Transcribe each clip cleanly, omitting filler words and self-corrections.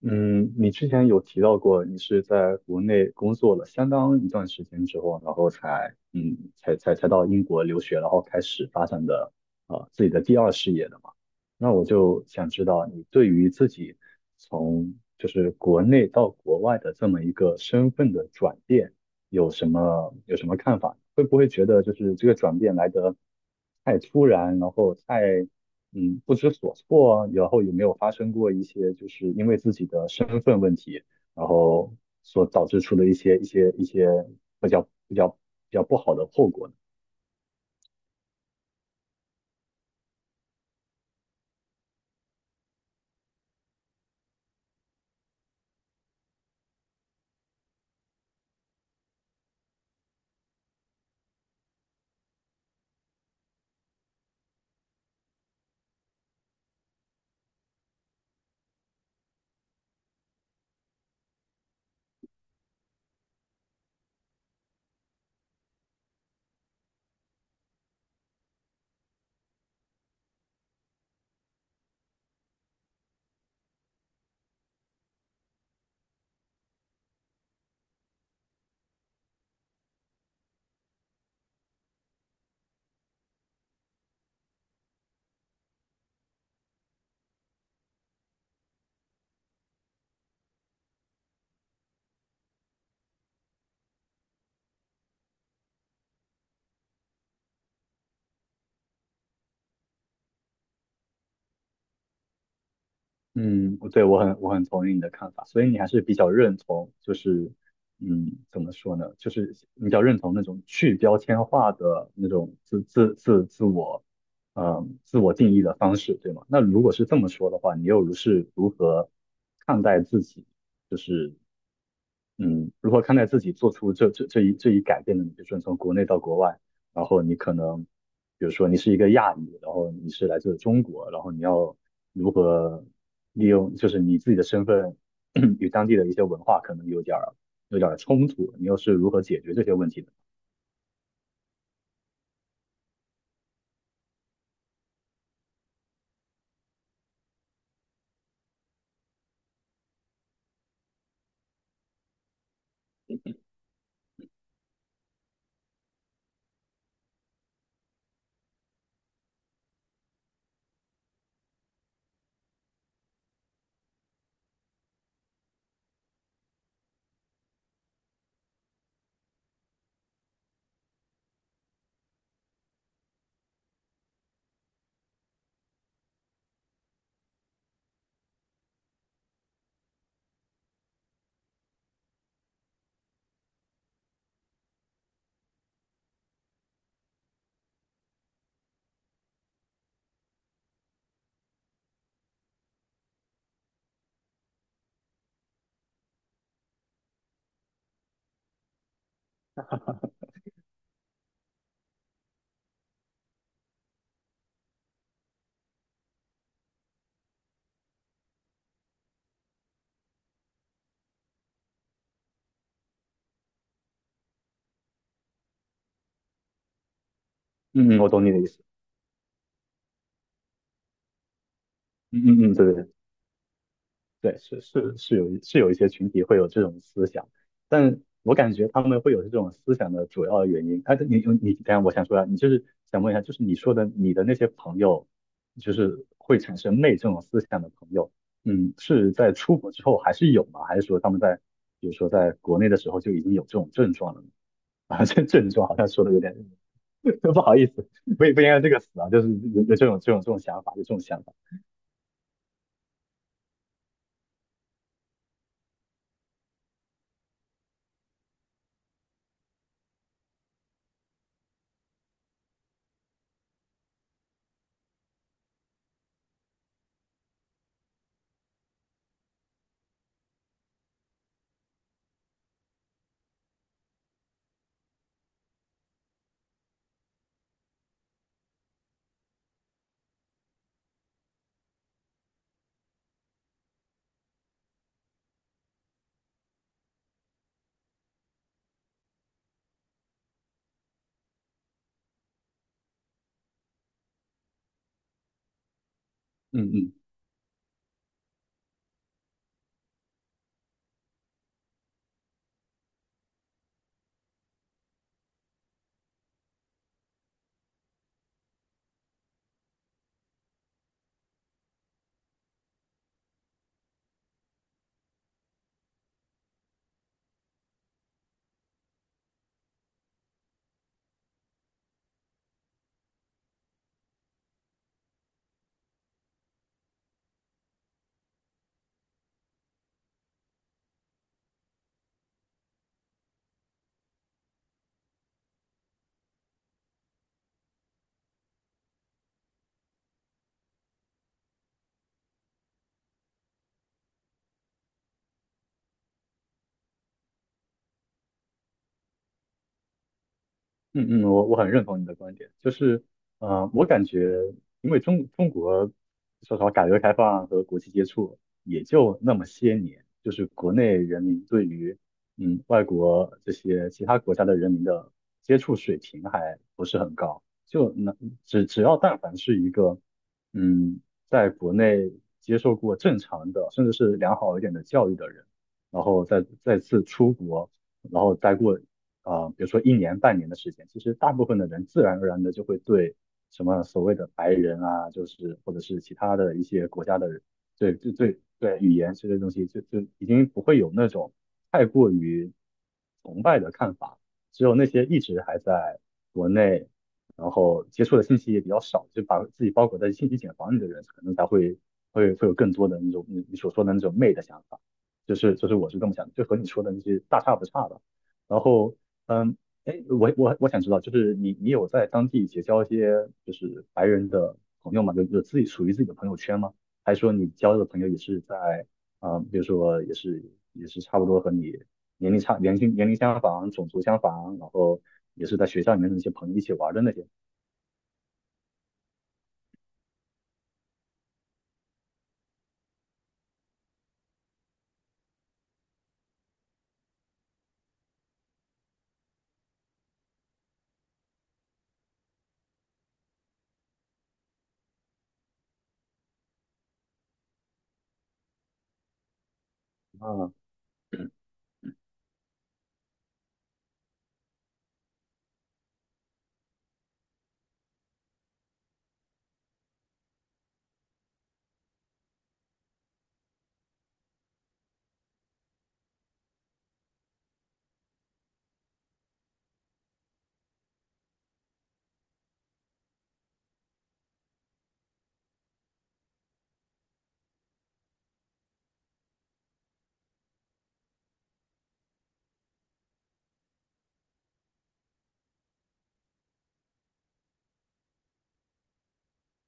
嗯，你之前有提到过，你是在国内工作了相当一段时间之后，然后才才到英国留学，然后开始发展的自己的第二事业的嘛？那我就想知道，你对于自己从就是国内到国外的这么一个身份的转变，有什么看法？会不会觉得就是这个转变来得太突然，然后太不知所措啊，然后有没有发生过一些就是因为自己的身份问题，然后所导致出的一些比较不好的后果呢？嗯，对，我很同意你的看法，所以你还是比较认同，就是嗯，怎么说呢？就是你比较认同那种去标签化的那种自我，嗯，自我定义的方式，对吗？那如果是这么说的话，你又是如何看待自己，就是嗯，如何看待自己做出这一改变的你，比如说你从国内到国外，然后你可能，比如说你是一个亚裔，然后你是来自中国，然后你要如何利用就是你自己的身份 与当地的一些文化可能有点儿有点儿冲突，你又是如何解决这些问题的？嗯嗯，我懂你的意思。嗯嗯嗯，对对对。对，是是是有是有一些群体会有这种思想，但我感觉他们会有这种思想的主要原因，啊，你等一下我想说啊，你就是想问一下，就是你说的你的那些朋友，就是会产生媚这种思想的朋友，嗯，是在出国之后还是有吗？还是说他们在比如说在国内的时候就已经有这种症状了呢？ 啊，这症状好像说的有点 不好意思，不应该用这个词啊，就是有这种想法，有这种想法，嗯嗯。嗯嗯，我很认同你的观点，就是，呃，我感觉，因为中国说实话，改革开放和国际接触也就那么些年，就是国内人民对于嗯外国这些其他国家的人民的接触水平还不是很高，就那只要但凡是一个嗯在国内接受过正常的甚至是良好一点的教育的人，然后再次出国。然后待过呃，比如说一年半年的时间，其实大部分的人自然而然的就会对什么所谓的白人啊，就是或者是其他的一些国家的人，对对对对语言这些东西，就已经不会有那种太过于崇拜的看法。只有那些一直还在国内，然后接触的信息也比较少，就把自己包裹在信息茧房里的人，可能才会有更多的那种你所说的那种媚的想法。就是我是这么想的，就和你说的那些大差不差的。然后嗯，哎，我想知道，就是你有在当地结交一些就是白人的朋友吗？有自己属于自己的朋友圈吗？还是说你交的朋友也是在啊、呃比如说也是差不多和你年龄差年龄年龄相仿、种族相仿，然后也是在学校里面的那些朋友一起玩的那些啊，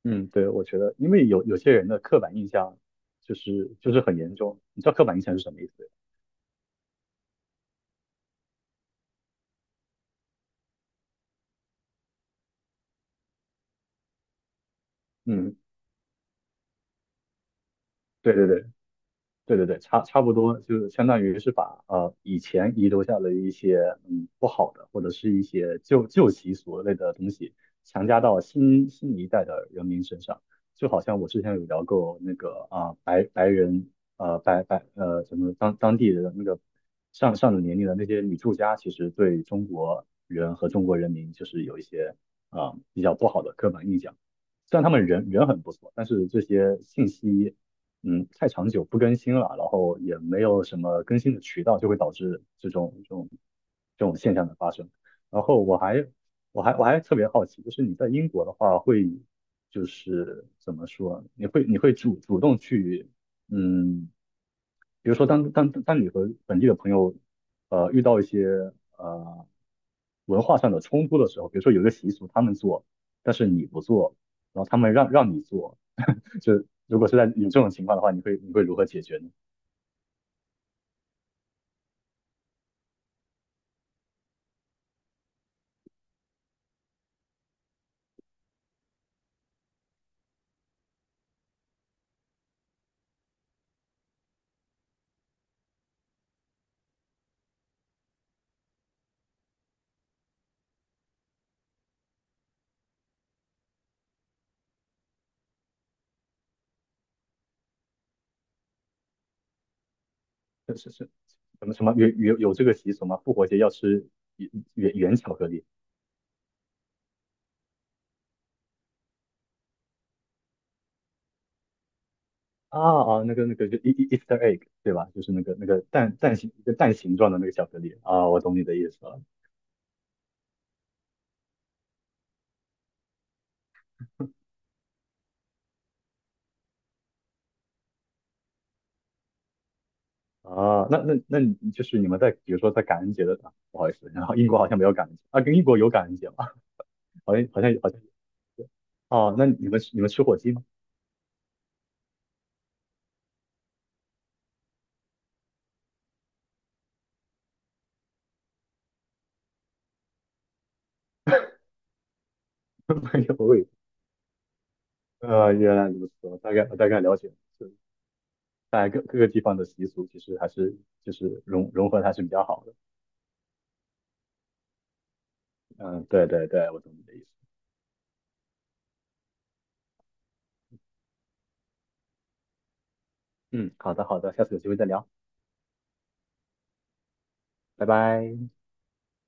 嗯，对，我觉得因为有有些人的刻板印象就是很严重，你知道刻板印象是什么意思？嗯，对对对。对对对，差不多，就是相当于是把呃以前遗留下的一些嗯不好的或者是一些旧习俗类的东西强加到新一代的人民身上，就好像我之前有聊过那个啊、白白人呃白白呃什么当地的那个上了年龄的那些女作家，其实对中国人和中国人民就是有一些啊、比较不好的刻板印象。虽然他们很不错，但是这些信息嗯太长久不更新了，然后也没有什么更新的渠道，就会导致这种现象的发生。然后我还特别好奇，就是你在英国的话会就是怎么说，你会主动去嗯，比如说当你和本地的朋友呃遇到一些呃文化上的冲突的时候，比如说有一个习俗他们做，但是你不做。然后他们让你做，就如果是在有这种情况的话，你会如何解决呢？是是是，什么什么有这个习俗吗？复活节要吃圆圆巧克力啊，啊那个那个就 Easter egg 对吧？就是那个那个蛋蛋形一个蛋形状的那个巧克力啊，我懂你的意思了。啊，那你就是你们在比如说在感恩节的啊，不好意思，然后英国好像没有感恩节啊，跟英国有感恩节吗？好像好像好像哦，那你们吃火鸡吗？没有，我以为呃，原来如此，我大概了解了，是在各个地方的习俗其实还是就是融合还是比较好的。嗯，对对对，我懂你的意思。嗯，好的好的，下次有机会再聊，拜拜。